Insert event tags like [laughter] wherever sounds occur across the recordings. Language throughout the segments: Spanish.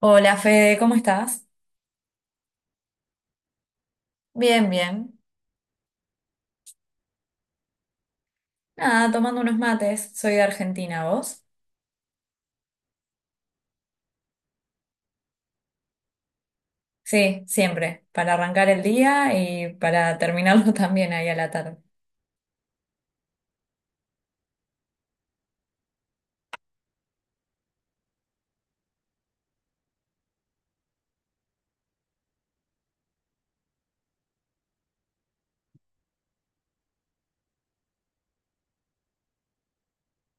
Hola Fede, ¿cómo estás? Bien, bien. Nada, tomando unos mates. Soy de Argentina, ¿vos? Sí, siempre. Para arrancar el día y para terminarlo [laughs] también ahí a la tarde.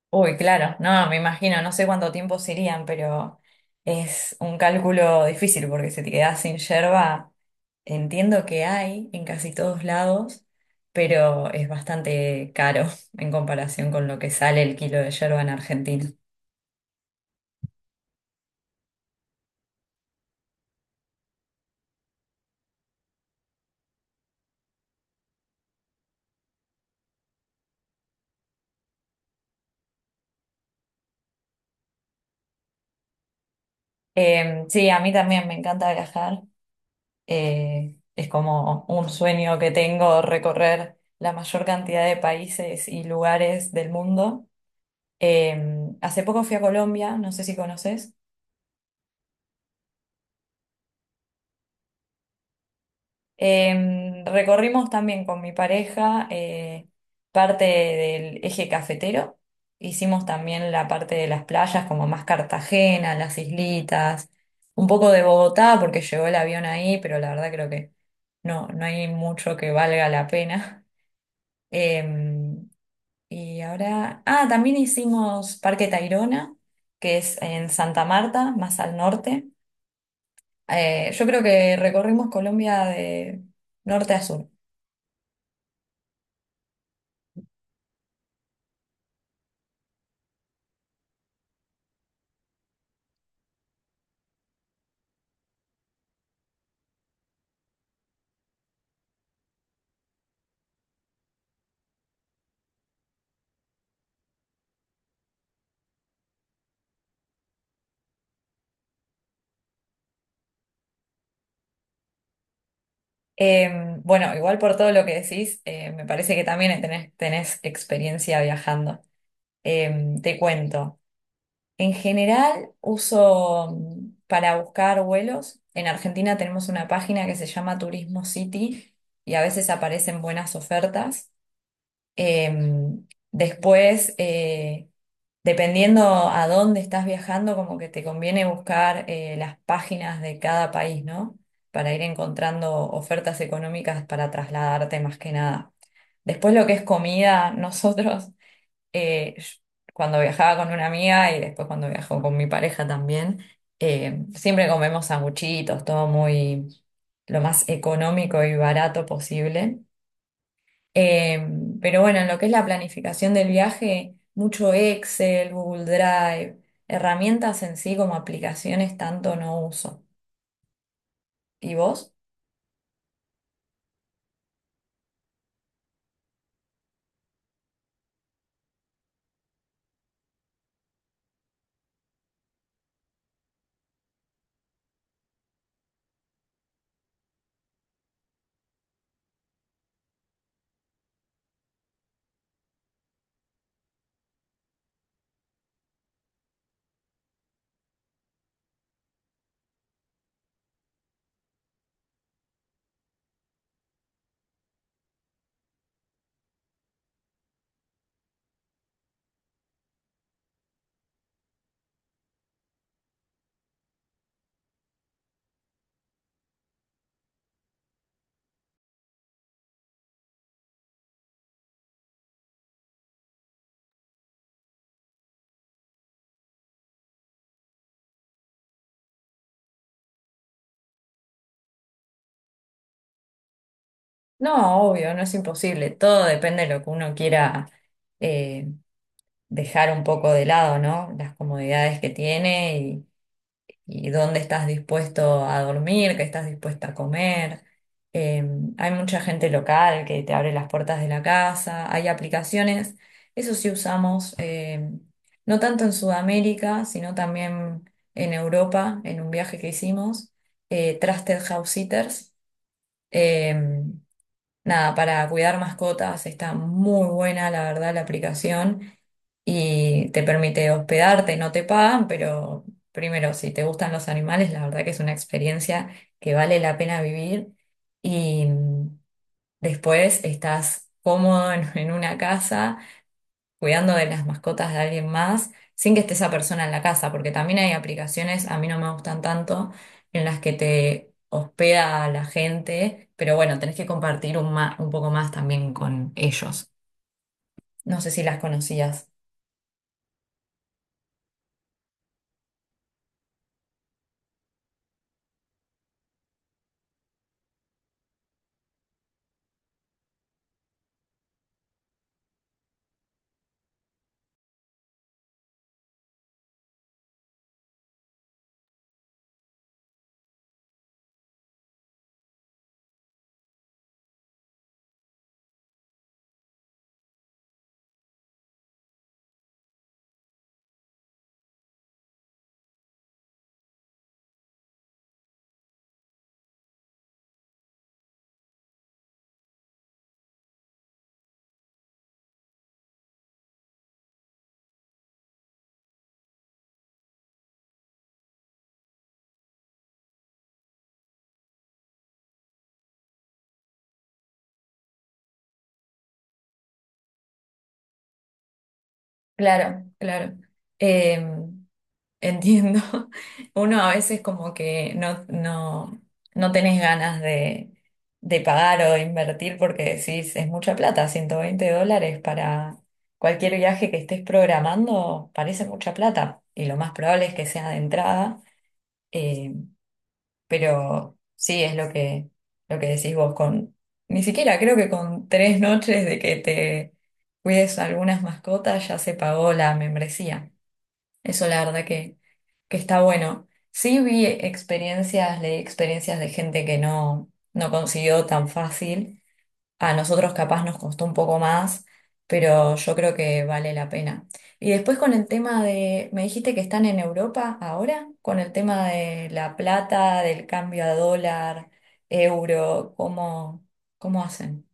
Uy, claro, no, me imagino, no sé cuánto tiempo serían, pero es un cálculo difícil porque si te quedás sin yerba, entiendo que hay en casi todos lados, pero es bastante caro [laughs] en comparación con lo que sale el kilo de yerba en Argentina. Sí, a mí también me encanta viajar. Es como un sueño que tengo recorrer la mayor cantidad de países y lugares del mundo. Hace poco fui a Colombia, no sé si conoces. Recorrimos también con mi pareja parte del eje cafetero. Hicimos también la parte de las playas, como más Cartagena, las islitas, un poco de Bogotá, porque llegó el avión ahí, pero la verdad creo que no hay mucho que valga la pena. [laughs] Em, Y ahora, ah, también hicimos Parque Tayrona, que es en Santa Marta, más al norte. Yo creo que recorrimos Colombia de norte a sur. Eh, bueno, igual por todo lo que decís, me parece que también tenés experiencia viajando. Te cuento. En general, uso mm, para buscar vuelos. En Argentina tenemos una página que se llama Turismo City y a veces aparecen buenas ofertas. Después, dependiendo a dónde estás viajando, como que te conviene buscar las páginas de cada país, ¿no? Para ir encontrando ofertas económicas para trasladarte más que nada. Después lo que es comida, [laughs] nosotros, eh, yo- cuando viajaba con una amiga y después cuando viajo con mi pareja también, siempre comemos sanguchitos, todo muy lo más económico y barato posible. Eh, pero bueno, en lo que es la planificación del viaje, mucho Excel, Google Drive, herramientas en sí como aplicaciones tanto no uso. ¿Y vos? No, obvio, no es imposible. Todo depende de lo que uno quiera eh, dejar un poco de lado, ¿no? Las comodidades que tiene y dónde estás dispuesto a dormir, qué estás dispuesta a comer. Eh, Hay mucha gente local que te abre las puertas de la casa, hay aplicaciones, eso sí usamos, no tanto en Sudamérica, sino también en Europa, en un viaje que hicimos, Trusted House Sitters. eh, Nada, para cuidar mascotas está muy buena, la verdad, la aplicación y te permite hospedarte, no te pagan, pero primero, si te gustan los animales, la verdad que es una experiencia que vale la pena vivir y después estás cómodo en, [laughs] en una casa cuidando de las mascotas de alguien más sin que esté esa persona en la casa, porque también hay aplicaciones, a mí no me gustan tanto, en las que te hospeda a la gente, pero bueno, tenés que compartir un, un poco más también con ellos. No sé si las conocías. Claro, claro. Em, Entiendo. [laughs] Uno a veces como que no tenés ganas de pagar o de invertir porque decís, es mucha plata, 120 dólares para cualquier viaje que estés programando, parece mucha plata. Y lo más probable es que sea de entrada. em, pero sí, es lo que decís vos con, ni siquiera creo que con tres noches de que te cuides algunas mascotas ya se pagó la membresía. Eso la verdad que está bueno. Sí vi experiencias, leí experiencias de gente que no consiguió tan fácil. A nosotros capaz nos costó un poco más, pero yo creo que vale la pena. Y después con el tema de, me dijiste que están en Europa ahora, con el tema de la plata, del cambio a dólar, euro, ¿cómo, cómo hacen?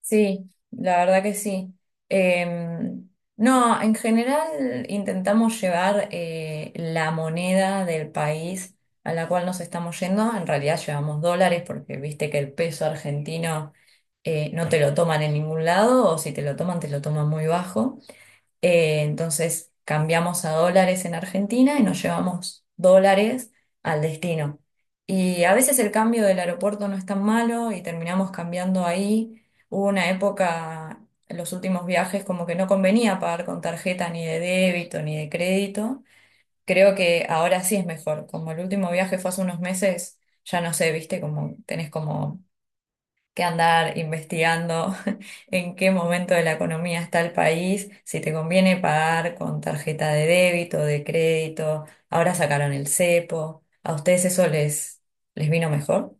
Sí, la verdad que sí. Eh, no, en general intentamos llevar la moneda del país a la cual nos estamos yendo. En realidad llevamos dólares porque viste que el peso argentino no te lo toman en ningún lado o si te lo toman te lo toman muy bajo. Entonces cambiamos a dólares en Argentina y nos llevamos dólares al destino. Y a veces el cambio del aeropuerto no es tan malo y terminamos cambiando ahí. Hubo una época, en los últimos viajes, como que no convenía pagar con tarjeta ni de débito ni de crédito. Creo que ahora sí es mejor. Como el último viaje fue hace unos meses, ya no sé, viste, como tenés como que andar investigando [laughs] en qué momento de la economía está el país, si te conviene pagar con tarjeta de débito, de crédito, ahora sacaron el cepo, ¿a ustedes eso les, les vino mejor?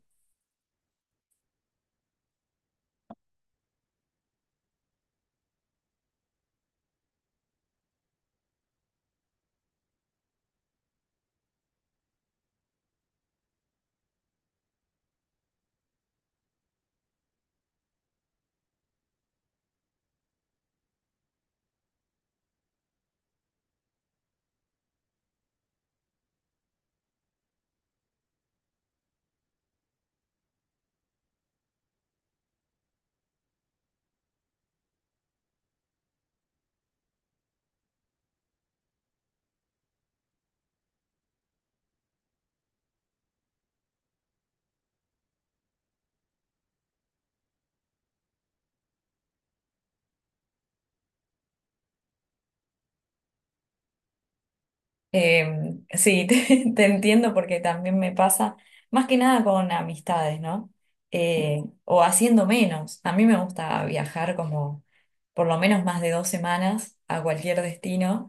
Sí, [laughs] te entiendo porque también me pasa, más que nada con amistades, ¿no? O haciendo menos. A mí me gusta viajar como por lo menos más de 2 semanas a cualquier destino.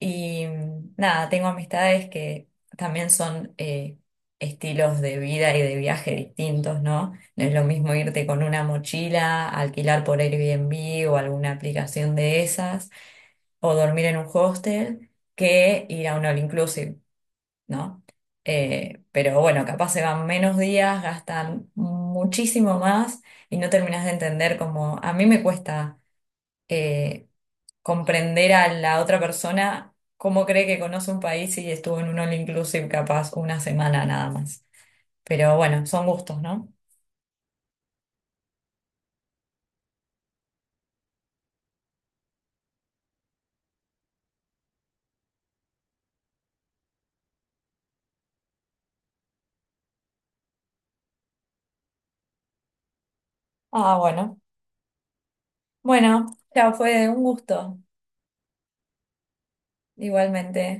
Y nada, tengo amistades que también son estilos de vida y de viaje distintos, ¿no? No es lo mismo irte con una mochila, alquilar por Airbnb o alguna aplicación de esas, o dormir en un hostel, que ir a un all inclusive, ¿no? Pero bueno, capaz se van menos días, gastan muchísimo más y no terminas de entender cómo a mí me cuesta. eh, Comprender a la otra persona cómo cree que conoce un país y estuvo en un all inclusive capaz una semana nada más. Pero bueno, son gustos, ¿no? Ah, bueno. Bueno, ya fue un gusto, igualmente.